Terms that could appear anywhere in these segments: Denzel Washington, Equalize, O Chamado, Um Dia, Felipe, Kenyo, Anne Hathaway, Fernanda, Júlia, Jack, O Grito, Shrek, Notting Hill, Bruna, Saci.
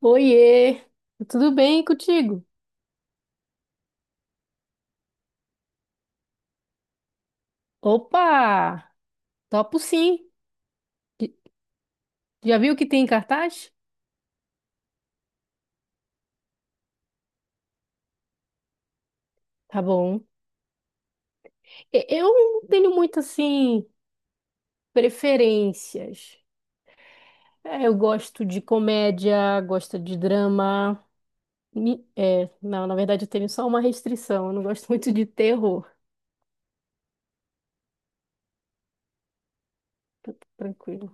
Oiê, tudo bem contigo? Opa, topo sim. J- Já viu o que tem em cartaz? Tá bom. Eu não tenho muito assim preferências. É, eu gosto de comédia, gosto de drama. Mi- é, não, Na verdade eu tenho só uma restrição. Eu não gosto muito de terror. Tá tranquilo.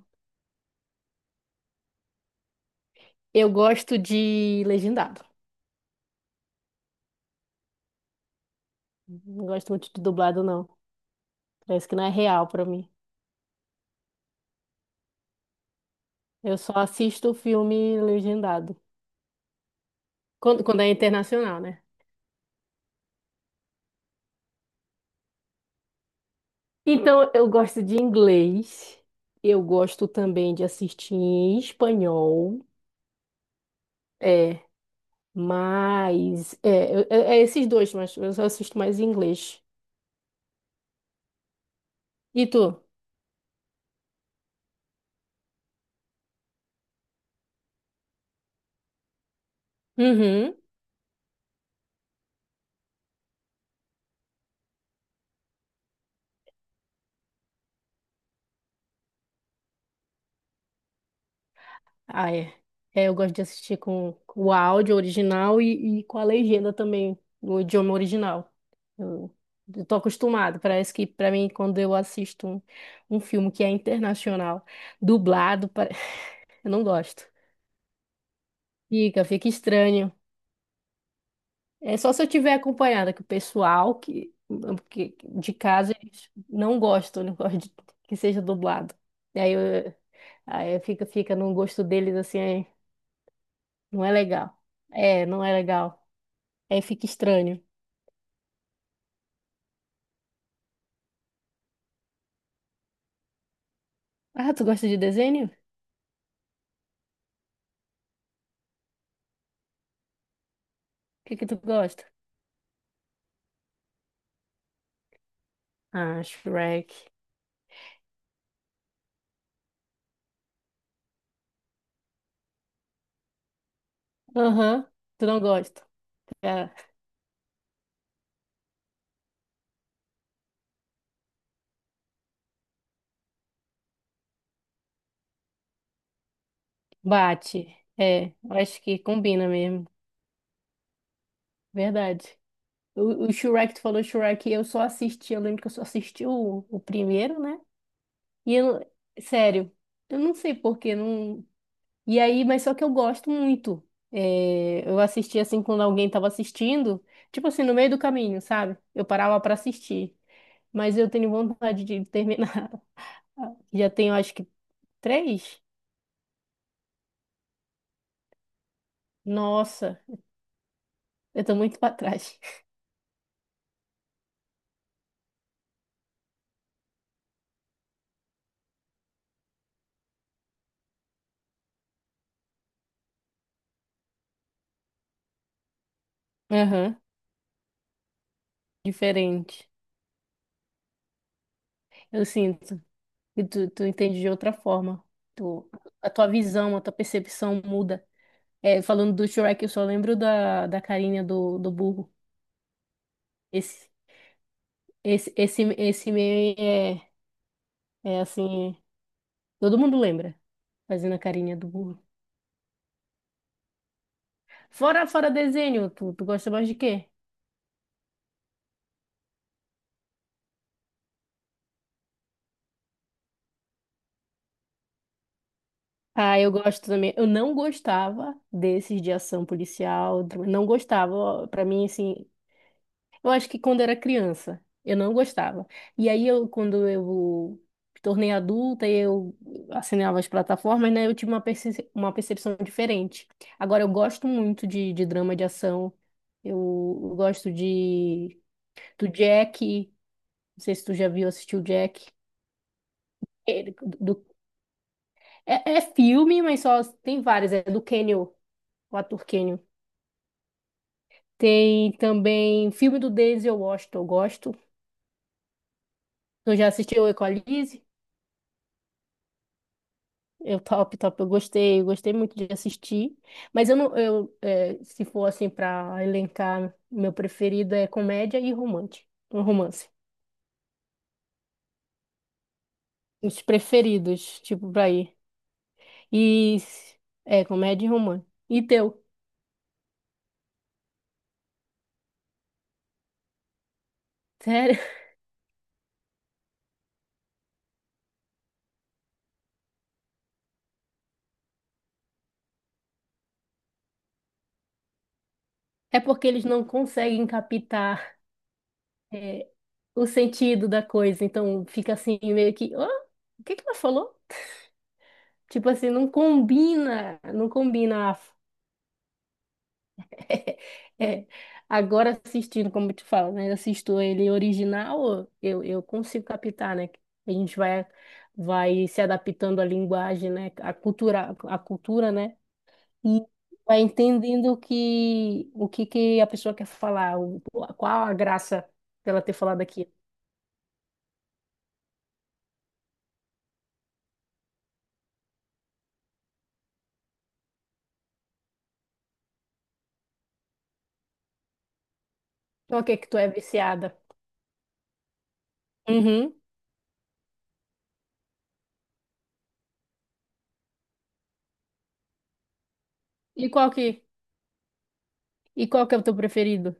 Eu gosto de legendado. Não gosto muito de dublado, não. Parece que não é real pra mim. Eu só assisto filme legendado. Quando é internacional, né? Então, eu gosto de inglês. Eu gosto também de assistir em espanhol. É, mas... É, esses dois, mas eu só assisto mais em inglês. E tu? Uhum. Ah, é. É, eu gosto de assistir com o áudio original e com a legenda também, no idioma original. Eu, eu tô acostumado. Parece que, pra mim, quando eu assisto um filme que é internacional, dublado, pare- eu não gosto. Fica estranho. É só se eu tiver acompanhada, que o pessoal de casa eles não gostam, não gostam de- que seja dublado. E aí, eu- Aí fica no gosto deles assim, aí não é legal. É, não é legal. Aí fica estranho. Ah, tu gosta de desenho? O que que tu gosta? Ah, Shrek. Aham, tu não gosta. Cara, bate. É, eu acho que combina mesmo. Verdade. O Shrek, tu falou Shrek, eu só assisti, eu lembro que eu só assisti o primeiro, né? E eu, Sério, eu não sei porquê, não... E aí, mas só que eu gosto muito. É, eu assisti assim quando alguém tava assistindo, tipo assim, no meio do caminho, sabe? Eu parava pra assistir. Mas eu tenho vontade de terminar. Já tenho, acho que, três? Nossa, eu tô muito pra trás. Aham, diferente. Eu sinto. E tu entende de outra forma. Tu, a tua visão, a tua percepção muda. É, falando do Shrek, eu só lembro da carinha do burro. Esse, esse meme é, é assim, todo mundo lembra, fazendo a carinha do burro. Fora desenho, tu gosta mais de quê? Ah, eu gosto também. Eu não gostava desses de ação policial, não gostava. Ó, pra mim, assim, eu acho que quando era criança, eu não gostava. Quando eu me tornei adulta e eu assinava as plataformas, né, eu tive uma percepção diferente. Agora eu gosto muito de drama de ação. Eu, eu gosto de do Jack. Não sei se tu já viu, assistiu Jack. Ele- do- É filme, mas só tem vários. É do Kenyo, o ator Kenyo. Tem também filme do Denzel Washington, eu gosto. Tu já assistiu Equalize? Eu top, top, eu gostei muito de assistir. Mas eu não, eu, é, Se for assim para elencar, meu preferido é comédia e romance, um romance. Os preferidos, tipo, pra ir. E é comédia e romance. E teu? Sério? É porque eles não conseguem captar é, o sentido da coisa, então fica assim meio que, "Hã? O que que ela falou? Tipo assim, não combina, não combina." É, agora assistindo, como eu te falo, né? Assisto ele original, eu consigo captar, né? A gente vai, Vai se adaptando à linguagem, né? À cultura, né? E vai entendendo o que, que a pessoa quer falar, o, qual a graça dela ter falado aqui. Então, o que é que tu é viciada? Uhum. E qual que, e qual que é o teu preferido?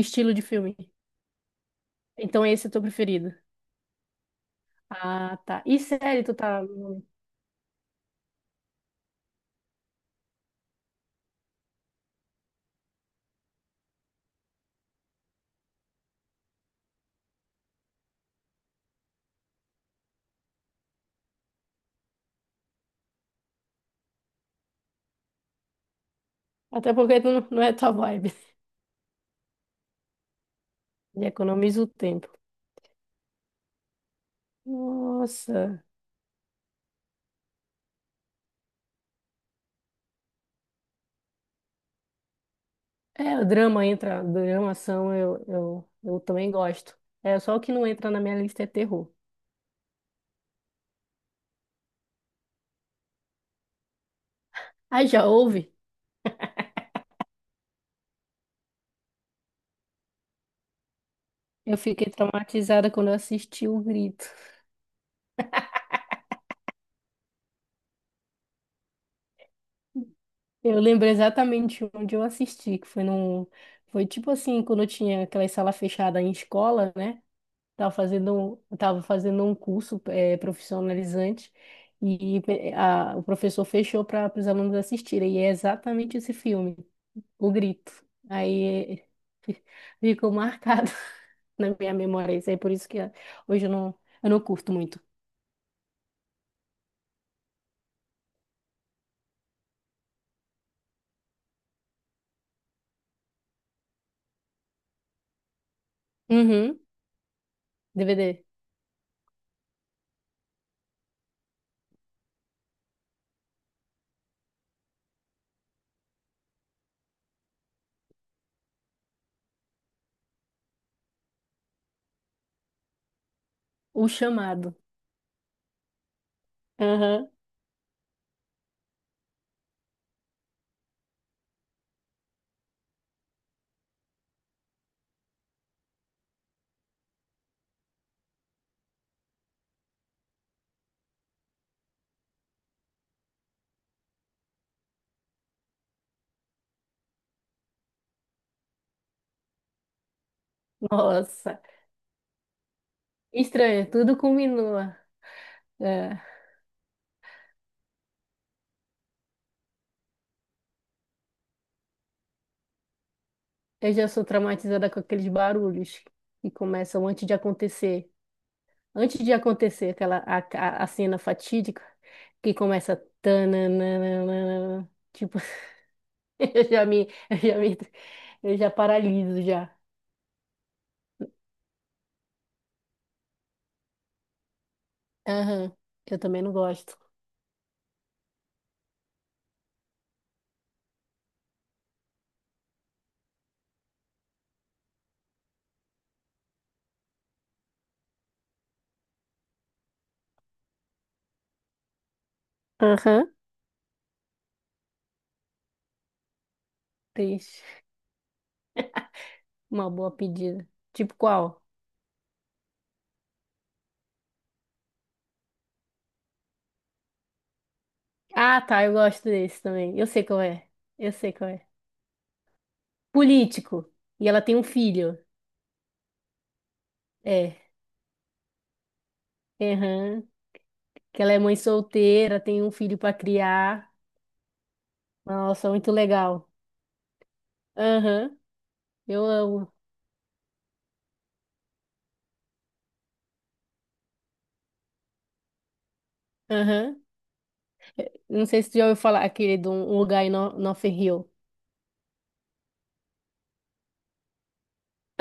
Estilo de filme? Então, esse é o teu preferido. Ah, tá. E série, tu tá. Até porque tu não não é tua vibe. E economiza o tempo. Nossa. É, o drama entra, drama, ação, eu também gosto. É, só o que não entra na minha lista é terror. Ah, já houve? Eu fiquei traumatizada quando eu assisti O Grito. Eu lembro exatamente onde eu assisti, que foi num... Foi tipo assim, quando eu tinha aquela sala fechada em escola, né? Tava fazendo um curso profissionalizante e o professor fechou para os alunos assistirem. E é exatamente esse filme, O Grito. Aí ficou marcado na minha memória. Isso aí por isso que hoje eu não curto muito. Uhum, DVD. O Chamado. Aham, nossa. Estranho, tudo combinua. É, eu já sou traumatizada com aqueles barulhos que começam antes de acontecer. Antes de acontecer aquela a cena fatídica que começa tananana, tipo, eu já me eu já me eu já paraliso já. Aham. Eu também não gosto. Aham. Triste. Uma boa pedida. Tipo qual? Ah, tá, eu gosto desse também. Eu sei qual é. Eu sei qual é. Político. E ela tem um filho. É. Aham. Que ela é mãe solteira, tem um filho pra criar. Nossa, muito legal. Aham. Eu amo. Aham. Não sei se tu já ouviu falar aquele de um lugar em Notting Hill.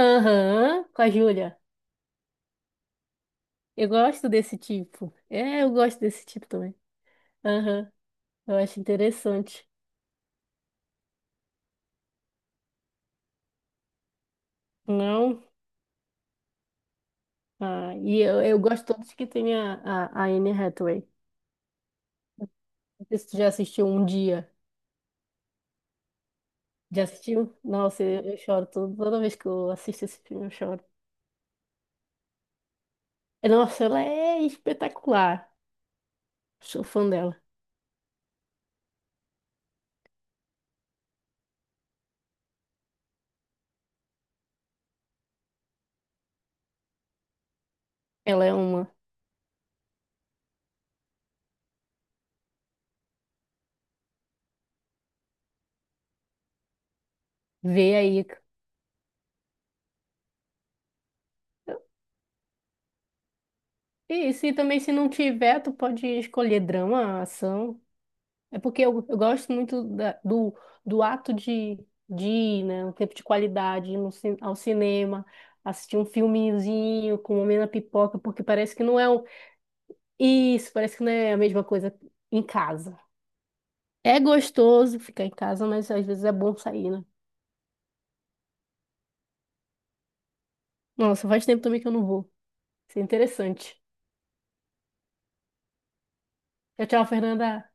Aham, com a Júlia. Eu gosto desse tipo. É, eu gosto desse tipo também. Aham, eu acho interessante. Não? Ah, e eu gosto todos que tem a Anne Hathaway. Não sei se tu já assistiu Um Dia. Já assistiu? Nossa, eu choro toda vez que eu assisto esse filme, eu choro. É, nossa, ela é espetacular. Sou fã dela. Ela é uma. Vê aí. E se também se não tiver, tu pode escolher drama, ação. É porque eu gosto muito do, do ato de ir, né? Um tempo de qualidade, ir no, ao cinema, assistir um filmezinho, comer na pipoca, porque parece que não é um, isso, parece que não é a mesma coisa em casa. É gostoso ficar em casa, mas às vezes é bom sair, né? Nossa, faz tempo também que eu não vou. Isso é interessante. Tchau, tchau, Fernanda.